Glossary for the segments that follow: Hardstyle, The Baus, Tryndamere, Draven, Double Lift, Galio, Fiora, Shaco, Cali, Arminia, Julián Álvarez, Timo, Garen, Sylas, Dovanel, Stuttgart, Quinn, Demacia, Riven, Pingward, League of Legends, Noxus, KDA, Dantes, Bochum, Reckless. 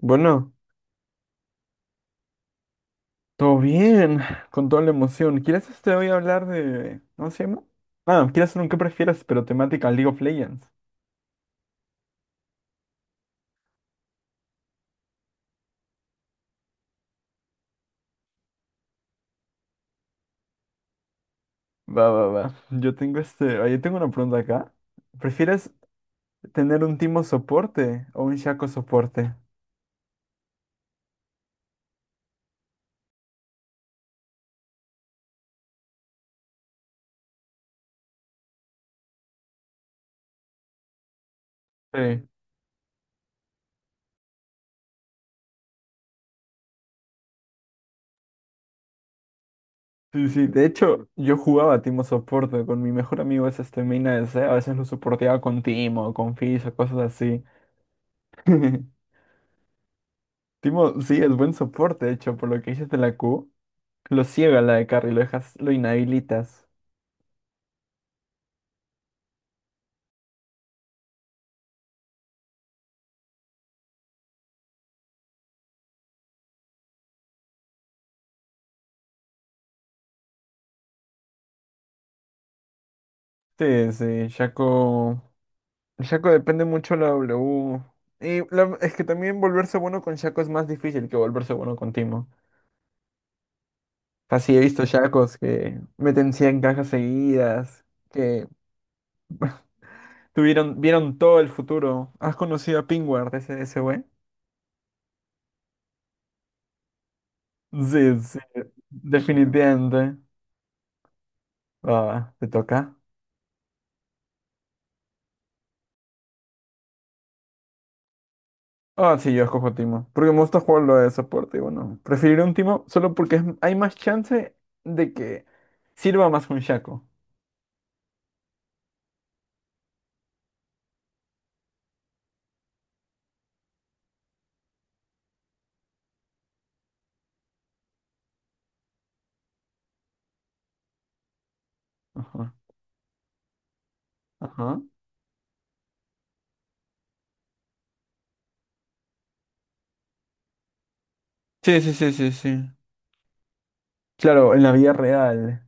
Bueno, todo bien, con toda la emoción. ¿Quieres este hoy hablar de? ¿Cómo se llama? Ah, quieres hacer un qué prefieres, pero temática League of Legends. Va, va, va. Yo tengo una pregunta acá. ¿Prefieres tener un Timo soporte o un Shaco soporte? Sí. Sí, sí. De hecho, yo jugaba Timo soporte con mi mejor amigo, es este Mina de C. A veces lo soporteaba con Timo, con Fizz o cosas así. Timo, sí, es buen soporte, de hecho, por lo que dices de la Q. Lo ciega la de carry, lo dejas, lo inhabilitas. Sí, sí, Shaco. Shaco depende mucho de la W. Y es que también volverse bueno con Shaco es más difícil que volverse bueno con Timo. Así he visto Shacos que meten 100 cajas seguidas, que tuvieron, vieron todo el futuro. ¿Has conocido a Pingward, ese güey? Sí, sí, definitivamente. Va, va, te toca. Ah, sí, yo escojo Timo. Porque me gusta jugarlo de soporte. Y bueno, preferiré un Timo solo porque hay más chance de que sirva más un Shaco. Ajá. Ajá. Sí, sí, sí, sí, sí. Claro, en la vida real.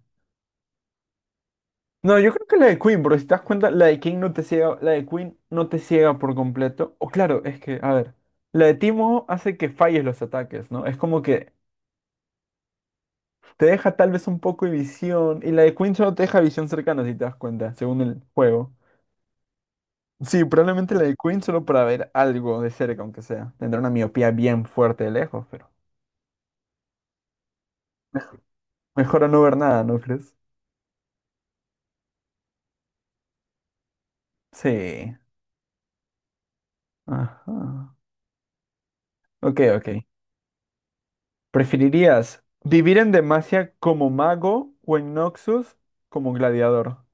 No, yo creo que la de Queen, porque si te das cuenta, la de King no te ciega, la de Queen no te ciega por completo. O claro, es que, a ver, la de Timo hace que falles los ataques, ¿no? Es como que te deja tal vez un poco de visión, y la de Queen solo te deja visión cercana, si te das cuenta, según el juego. Sí, probablemente la de Queen solo para ver algo de cerca, aunque sea. Tendrá una miopía bien fuerte de lejos, pero mejor a no ver nada, ¿no crees? Sí. Ajá. Ok, ok. ¿Preferirías vivir en Demacia como mago o en Noxus como gladiador?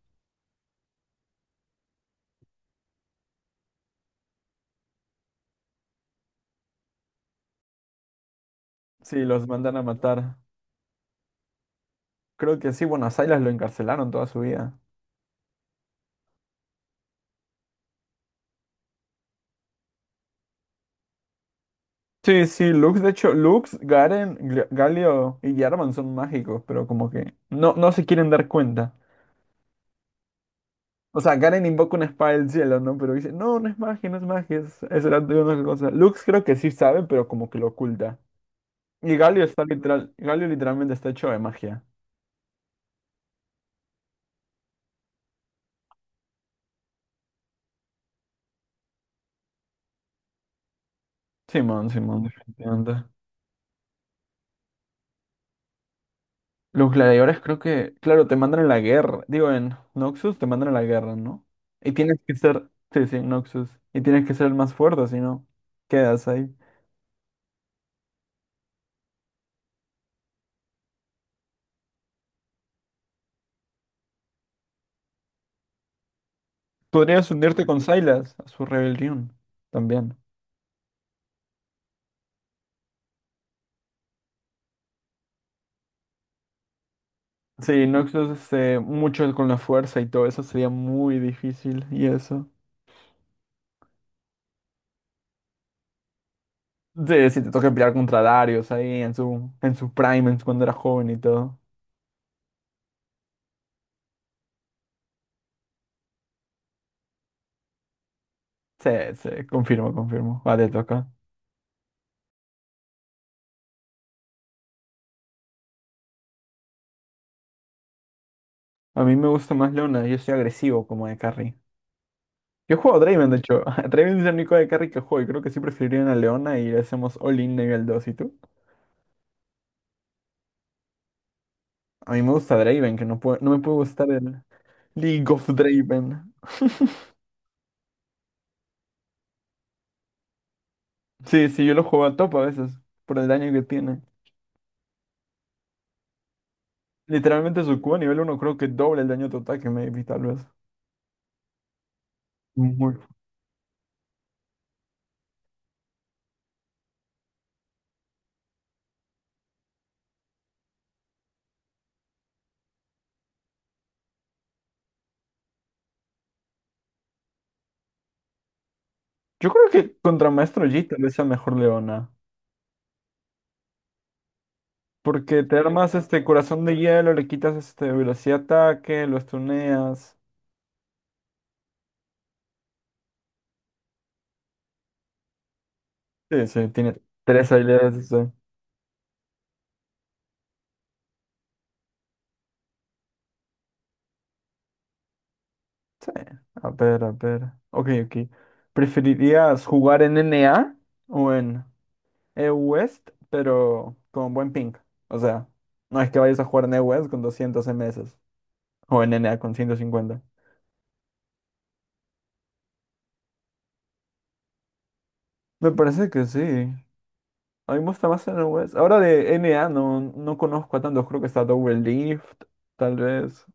Sí, los mandan a matar. Creo que sí, bueno, a Sylas lo encarcelaron toda su vida. Sí, sí, Lux, de hecho, Lux, Garen, Galio y Jarvan son mágicos, pero como que no, no se quieren dar cuenta. O sea, Karen invoca una espada del cielo, ¿no? Pero dice, no, no es magia, no es magia, es era de una cosa. Lux creo que sí sabe, pero como que lo oculta. Y Galio está literal, Galio literalmente está hecho de magia. Simón, Simón, definitivamente. Los gladiadores creo que, claro, te mandan a la guerra. Digo, en Noxus te mandan a la guerra, ¿no? Y tienes que ser, sí, sí, Noxus. Y tienes que ser el más fuerte, si no, quedas ahí. Podrías unirte con Sylas a su rebelión también. Sí, Noxus, mucho con la fuerza y todo eso sería muy difícil y eso. Sí, si te toca pelear contra Darius ahí en su prime, cuando era joven y todo. Sí, sí, confirmo, confirmo. Va, te toca. A mí me gusta más Leona, yo soy agresivo como de carry. Yo juego a Draven, de hecho. Draven es el único de carry que juego y creo que sí preferiría una Leona y hacemos all-in nivel 2. ¿Y tú? A mí me gusta Draven, que no puede, no me puede gustar el League of Draven. Sí, sí, yo lo juego a top a veces por el daño que tiene. Literalmente su Q a nivel 1 creo que doble el daño total que Maybe, tal vez. Muy. Yo creo que contra Maestro Yi tal vez sea mejor Leona. Porque te armas este corazón de hielo, le quitas este velocidad de ataque, lo stuneas. Sí, sí, tiene tres habilidades. Sí. A ver, a ver. Ok, ok. ¿Preferirías jugar en NA o en EU-West, pero con buen ping? O sea, no es que vayas a jugar en EU-West con 200 MS o en NA con 150. Me parece que sí. A mí me gusta más NOS. Ahora de NA no, no conozco a tantos. Creo que está Double Lift, tal vez.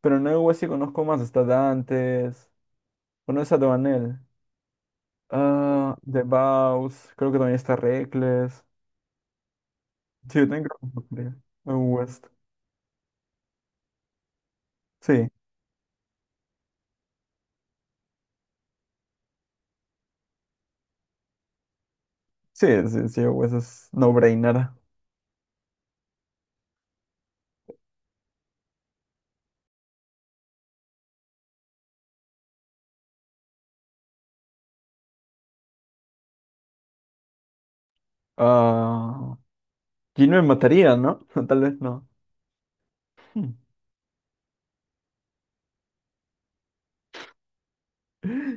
Pero en NOS sí conozco más. Está Dantes. ¿Conoces a Dovanel? Ah, The Baus. Creo que también está Reckless. Sí, yo tengo que West. Sí, sí, sí, sí, West es no-brainer. Ah, Jin me mataría, ¿no? Tal vez no. Hmm.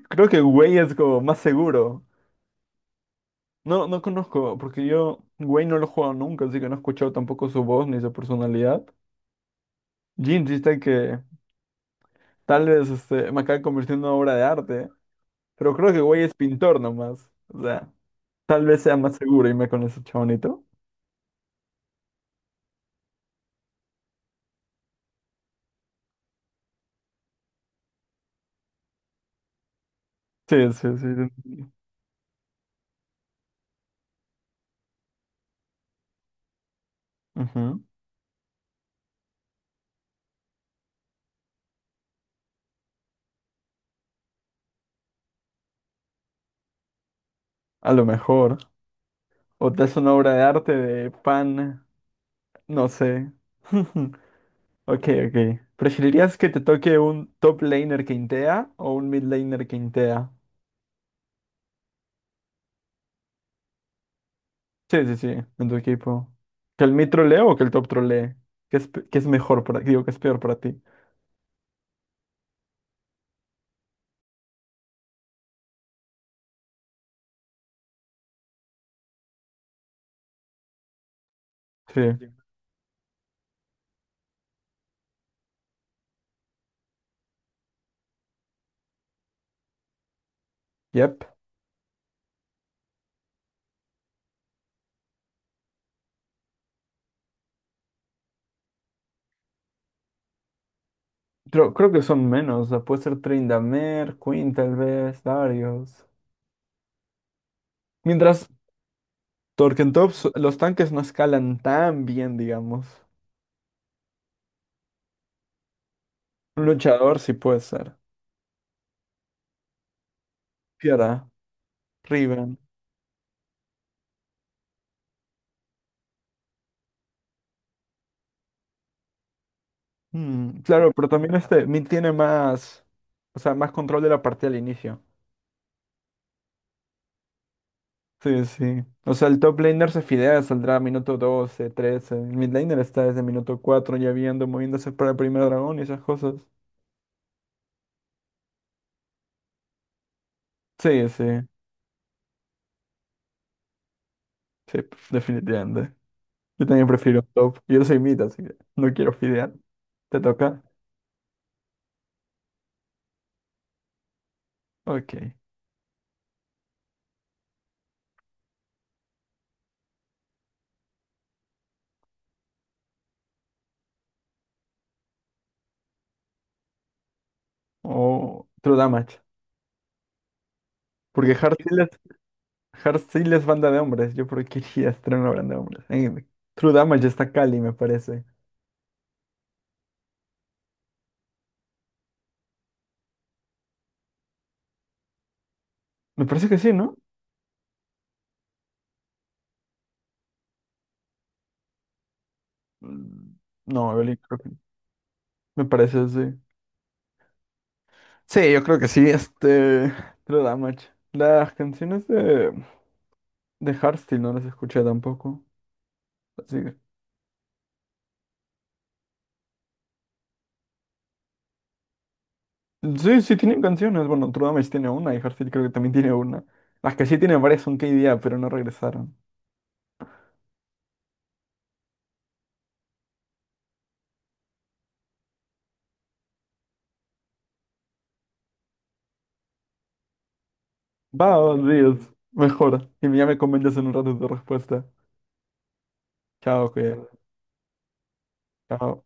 Creo que Way es como más seguro. No, no conozco, porque yo, Wayne no lo he jugado nunca, así que no he escuchado tampoco su voz ni su personalidad. Jin insiste que tal vez este, me acabe convirtiendo en una obra de arte, pero creo que Wayne es pintor nomás. O sea, tal vez sea más seguro irme con ese chabonito. Sí, sí, sí. Sí. Ujú. A lo mejor. O te hace una obra de arte de pan, no sé. Ok, ok. ¿Preferirías que te toque un top laner que intea o un mid laner que intea? Sí, sí, sí, en tu equipo. ¿Que el mid trolee o que el top trolee? ¿Qué es mejor para ti? Digo, ¿qué es peor para ti? Sí. Yep. Creo, creo que son menos. O sea, puede ser Tryndamere, Quinn tal vez, Darius. Mientras Torkentops, los tanques no escalan tan bien, digamos. Un luchador sí puede ser. Fiora, Riven. Claro, pero también este mid tiene más, o sea, más control de la partida al inicio. Sí, sí. O sea, el top laner se fidea, saldrá minuto 12, 13. El mid laner está desde minuto 4 ya viendo, moviéndose para el primer dragón y esas cosas. Sí, sí. Sí, definitivamente. Yo también prefiero top. Yo soy mid, así que no quiero fidear. ¿Te toca? Ok. O True Damage. Porque Hard Seal es banda de hombres. Yo por qué iría a estar en una banda de hombres. True Damage está Cali, me parece. Me parece que sí, ¿no? Mm, No, Evelyn, creo que no. Me parece, sí. Sí, yo creo que sí, este, True Damage. Las canciones de Hardstyle no las escuché tampoco. Así que. Sí, sí tienen canciones. Bueno, True Damage tiene una y Hardstyle creo que también tiene una. Las que sí tienen varias son KDA, pero no regresaron. Va, Dios, mejor. Y ya me comentas en un rato tu respuesta. Chao, que. Chao.